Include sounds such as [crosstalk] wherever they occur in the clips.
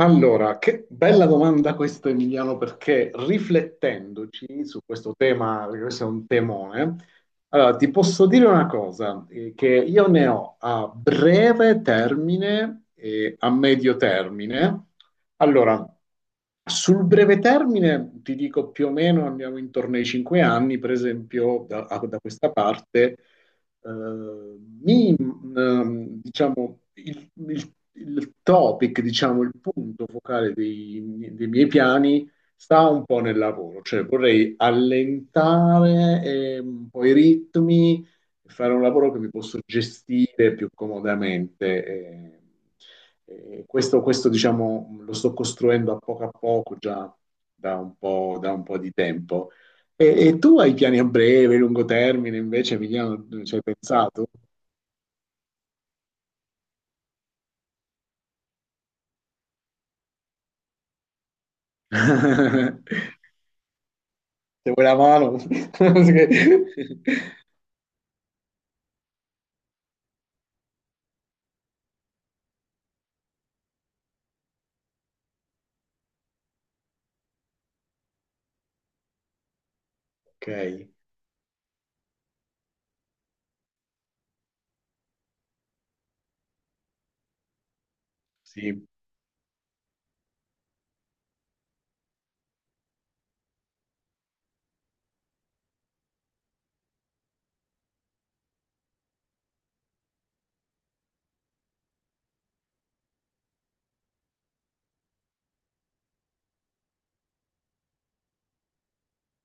Allora, che bella domanda questa, Emiliano, perché riflettendoci su questo tema, perché questo è un temone, allora, ti posso dire una cosa, che io ne ho a breve termine e a medio termine. Allora, sul breve termine, ti dico più o meno, andiamo intorno ai cinque anni, per esempio, da questa parte, eh, diciamo, il topic, diciamo, il punto focale dei miei piani sta un po' nel lavoro, cioè vorrei allentare un po' i ritmi, fare un lavoro che mi posso gestire più comodamente. Questo, diciamo, lo sto costruendo a poco già da un po' di tempo. E tu hai piani a breve, lungo termine, invece, Emiliano, ci hai pensato? [laughs] Se vuoi la mano. [laughs] Ok, sì,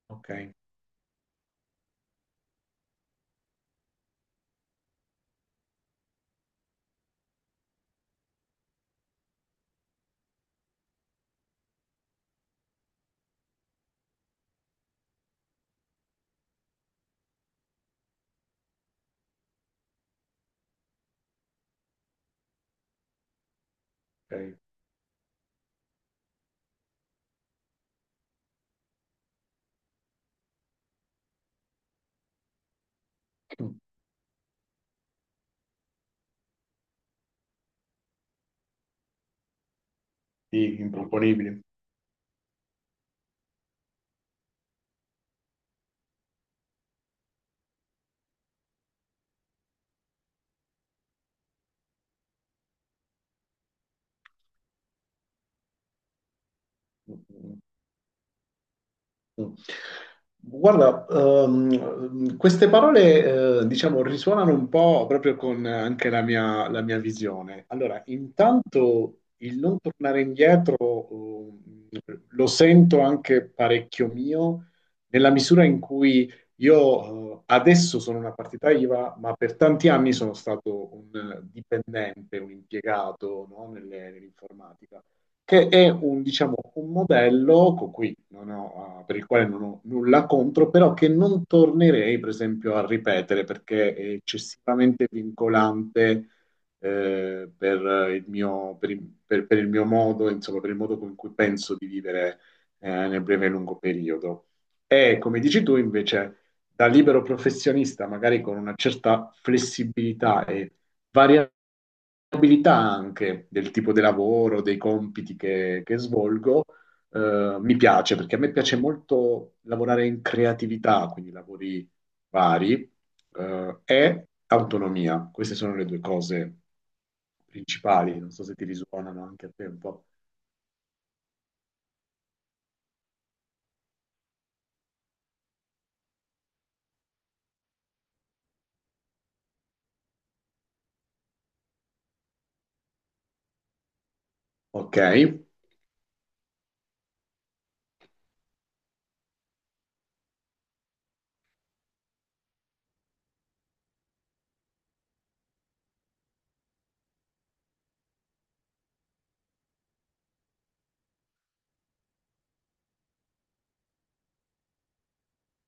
ok, ok. Sì, improponibile. Guarda, queste parole, diciamo, risuonano un po' proprio con anche la mia visione. Allora, intanto il non tornare indietro, ehm, lo sento anche parecchio mio, nella misura in cui io, adesso sono una partita IVA, ma per tanti anni sono stato un dipendente, un impiegato, no, nell'informatica che è un, diciamo, un modello con cui non ho, per il quale non ho nulla contro, però che non tornerei, per esempio, a ripetere perché è eccessivamente vincolante eh, per per il mio modo, insomma, per il modo con cui penso di vivere nel breve e lungo periodo. E come dici tu, invece, da libero professionista, magari con una certa flessibilità e variabilità, abilità anche del tipo di lavoro, dei compiti che svolgo, mi piace perché a me piace molto lavorare in creatività, quindi lavori vari, e autonomia. Queste sono le due cose principali. Non so se ti risuonano anche a te un po'. Ok?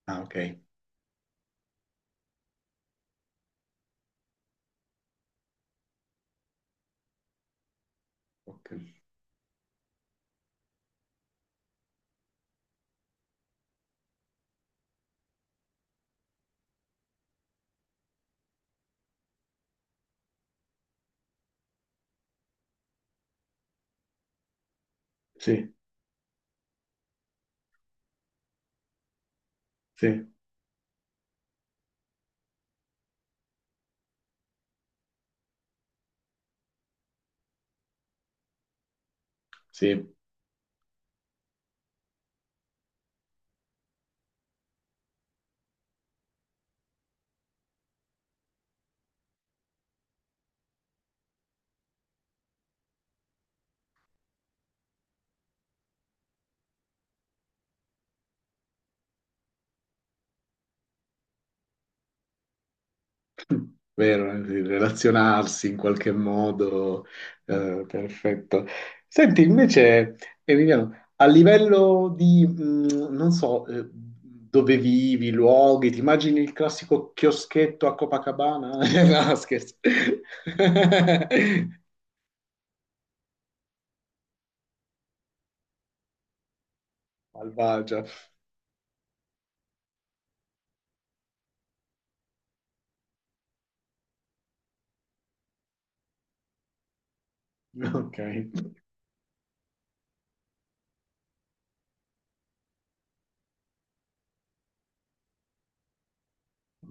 Ah, ok. Ok. Sì, sì, sì. Vero, sì, relazionarsi in qualche modo, perfetto. Senti, invece, Emiliano, a livello di, non so, dove vivi, luoghi, ti immagini il classico chioschetto a Copacabana? [laughs] No, scherzo. [laughs] Malvagia. Ok,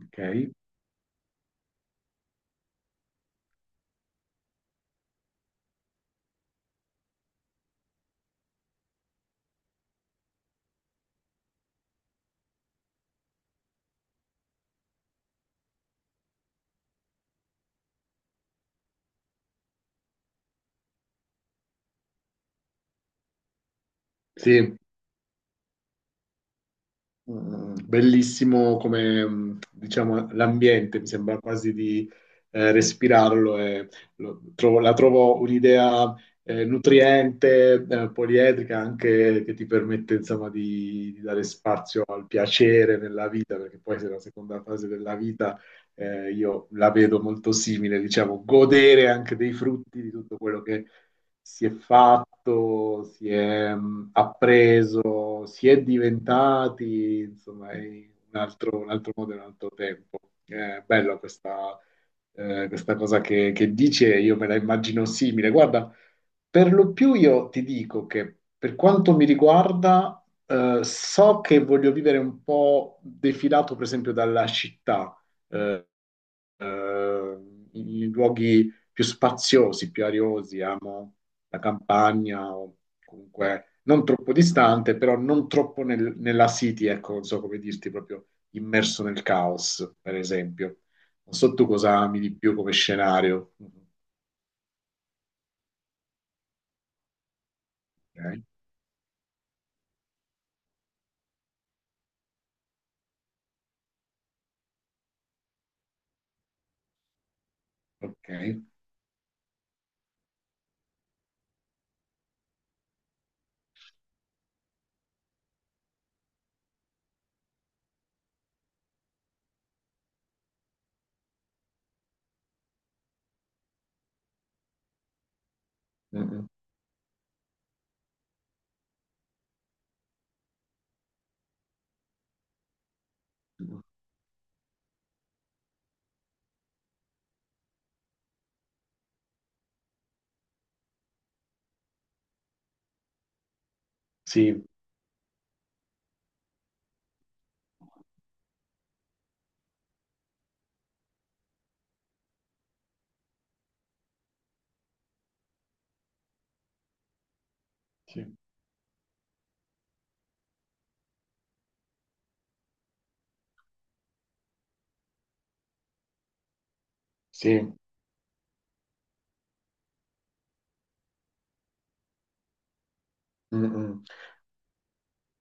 ok. Sì. Bellissimo come, diciamo, l'ambiente, mi sembra quasi di respirarlo e la trovo un'idea nutriente, poliedrica, anche che ti permette, insomma, di dare spazio al piacere nella vita, perché poi se la seconda fase della vita io la vedo molto simile, diciamo, godere anche dei frutti di tutto quello che si è fatto, si è appreso, si è diventati, insomma, è un altro modo e un altro tempo. È bella questa, questa cosa che dici e io me la immagino simile. Guarda, per lo più io ti dico che per quanto mi riguarda, so che voglio vivere un po' defilato, per esempio, dalla città. eh, eh, i luoghi più spaziosi, più ariosi, amo la campagna, o comunque non troppo distante, però non troppo nella city, ecco, non so come dirti, proprio immerso nel caos, per esempio. Non so tu cosa ami di più come scenario. Ok, ok. Mm, mm, mm. Sì, sì, sì. Mm, mm.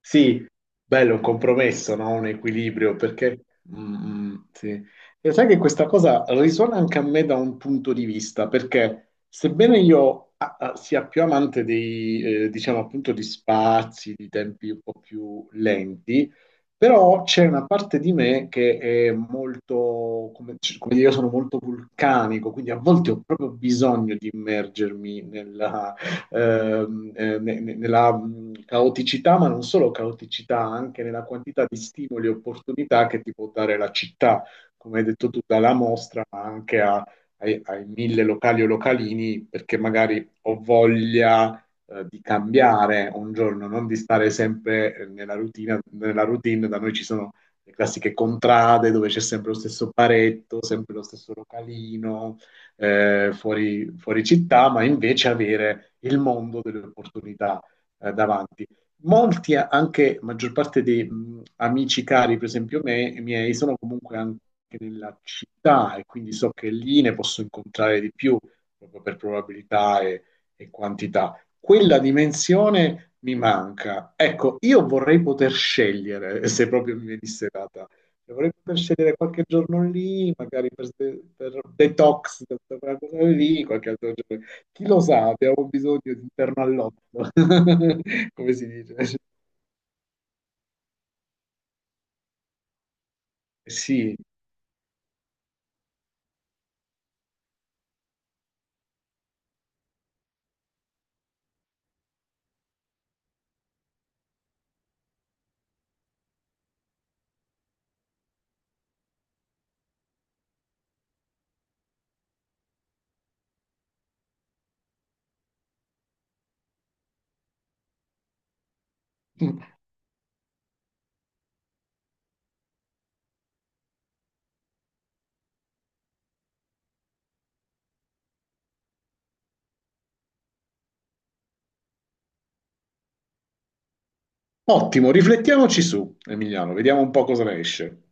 Sì, bello, un compromesso, no? Un equilibrio, perché. Mm, mm, sì. E sai che questa cosa risuona anche a me da un punto di vista, perché sebbene io sia più amante diciamo appunto, di spazi, di tempi un po' più lenti, però c'è una parte di me che è molto, come dire, io sono molto vulcanico, quindi a volte ho proprio bisogno di immergermi nella caoticità, ma non solo caoticità, anche nella quantità di stimoli e opportunità che ti può dare la città, come hai detto tu, dalla mostra, ma anche ai mille locali o localini, perché magari ho voglia di cambiare un giorno, non di stare sempre nella routine, nella routine. Da noi ci sono le classiche contrade dove c'è sempre lo stesso paretto, sempre lo stesso localino, fuori città, ma invece avere il mondo delle opportunità davanti. Molti, anche maggior parte dei amici cari, per esempio me, miei, sono comunque anche nella città e quindi so che lì ne posso incontrare di più proprio per probabilità e quantità. Quella dimensione mi manca. Ecco, io vorrei poter scegliere [laughs] se proprio mi venisse data. Dovrei poter scegliere qualche giorno lì, magari per detox, per quella cosa lì, qualche altro giorno. Chi lo sa, abbiamo bisogno di interno all'otto, [laughs] come si dice. Sì. Ottimo, riflettiamoci su, Emiliano, vediamo un po' cosa ne esce.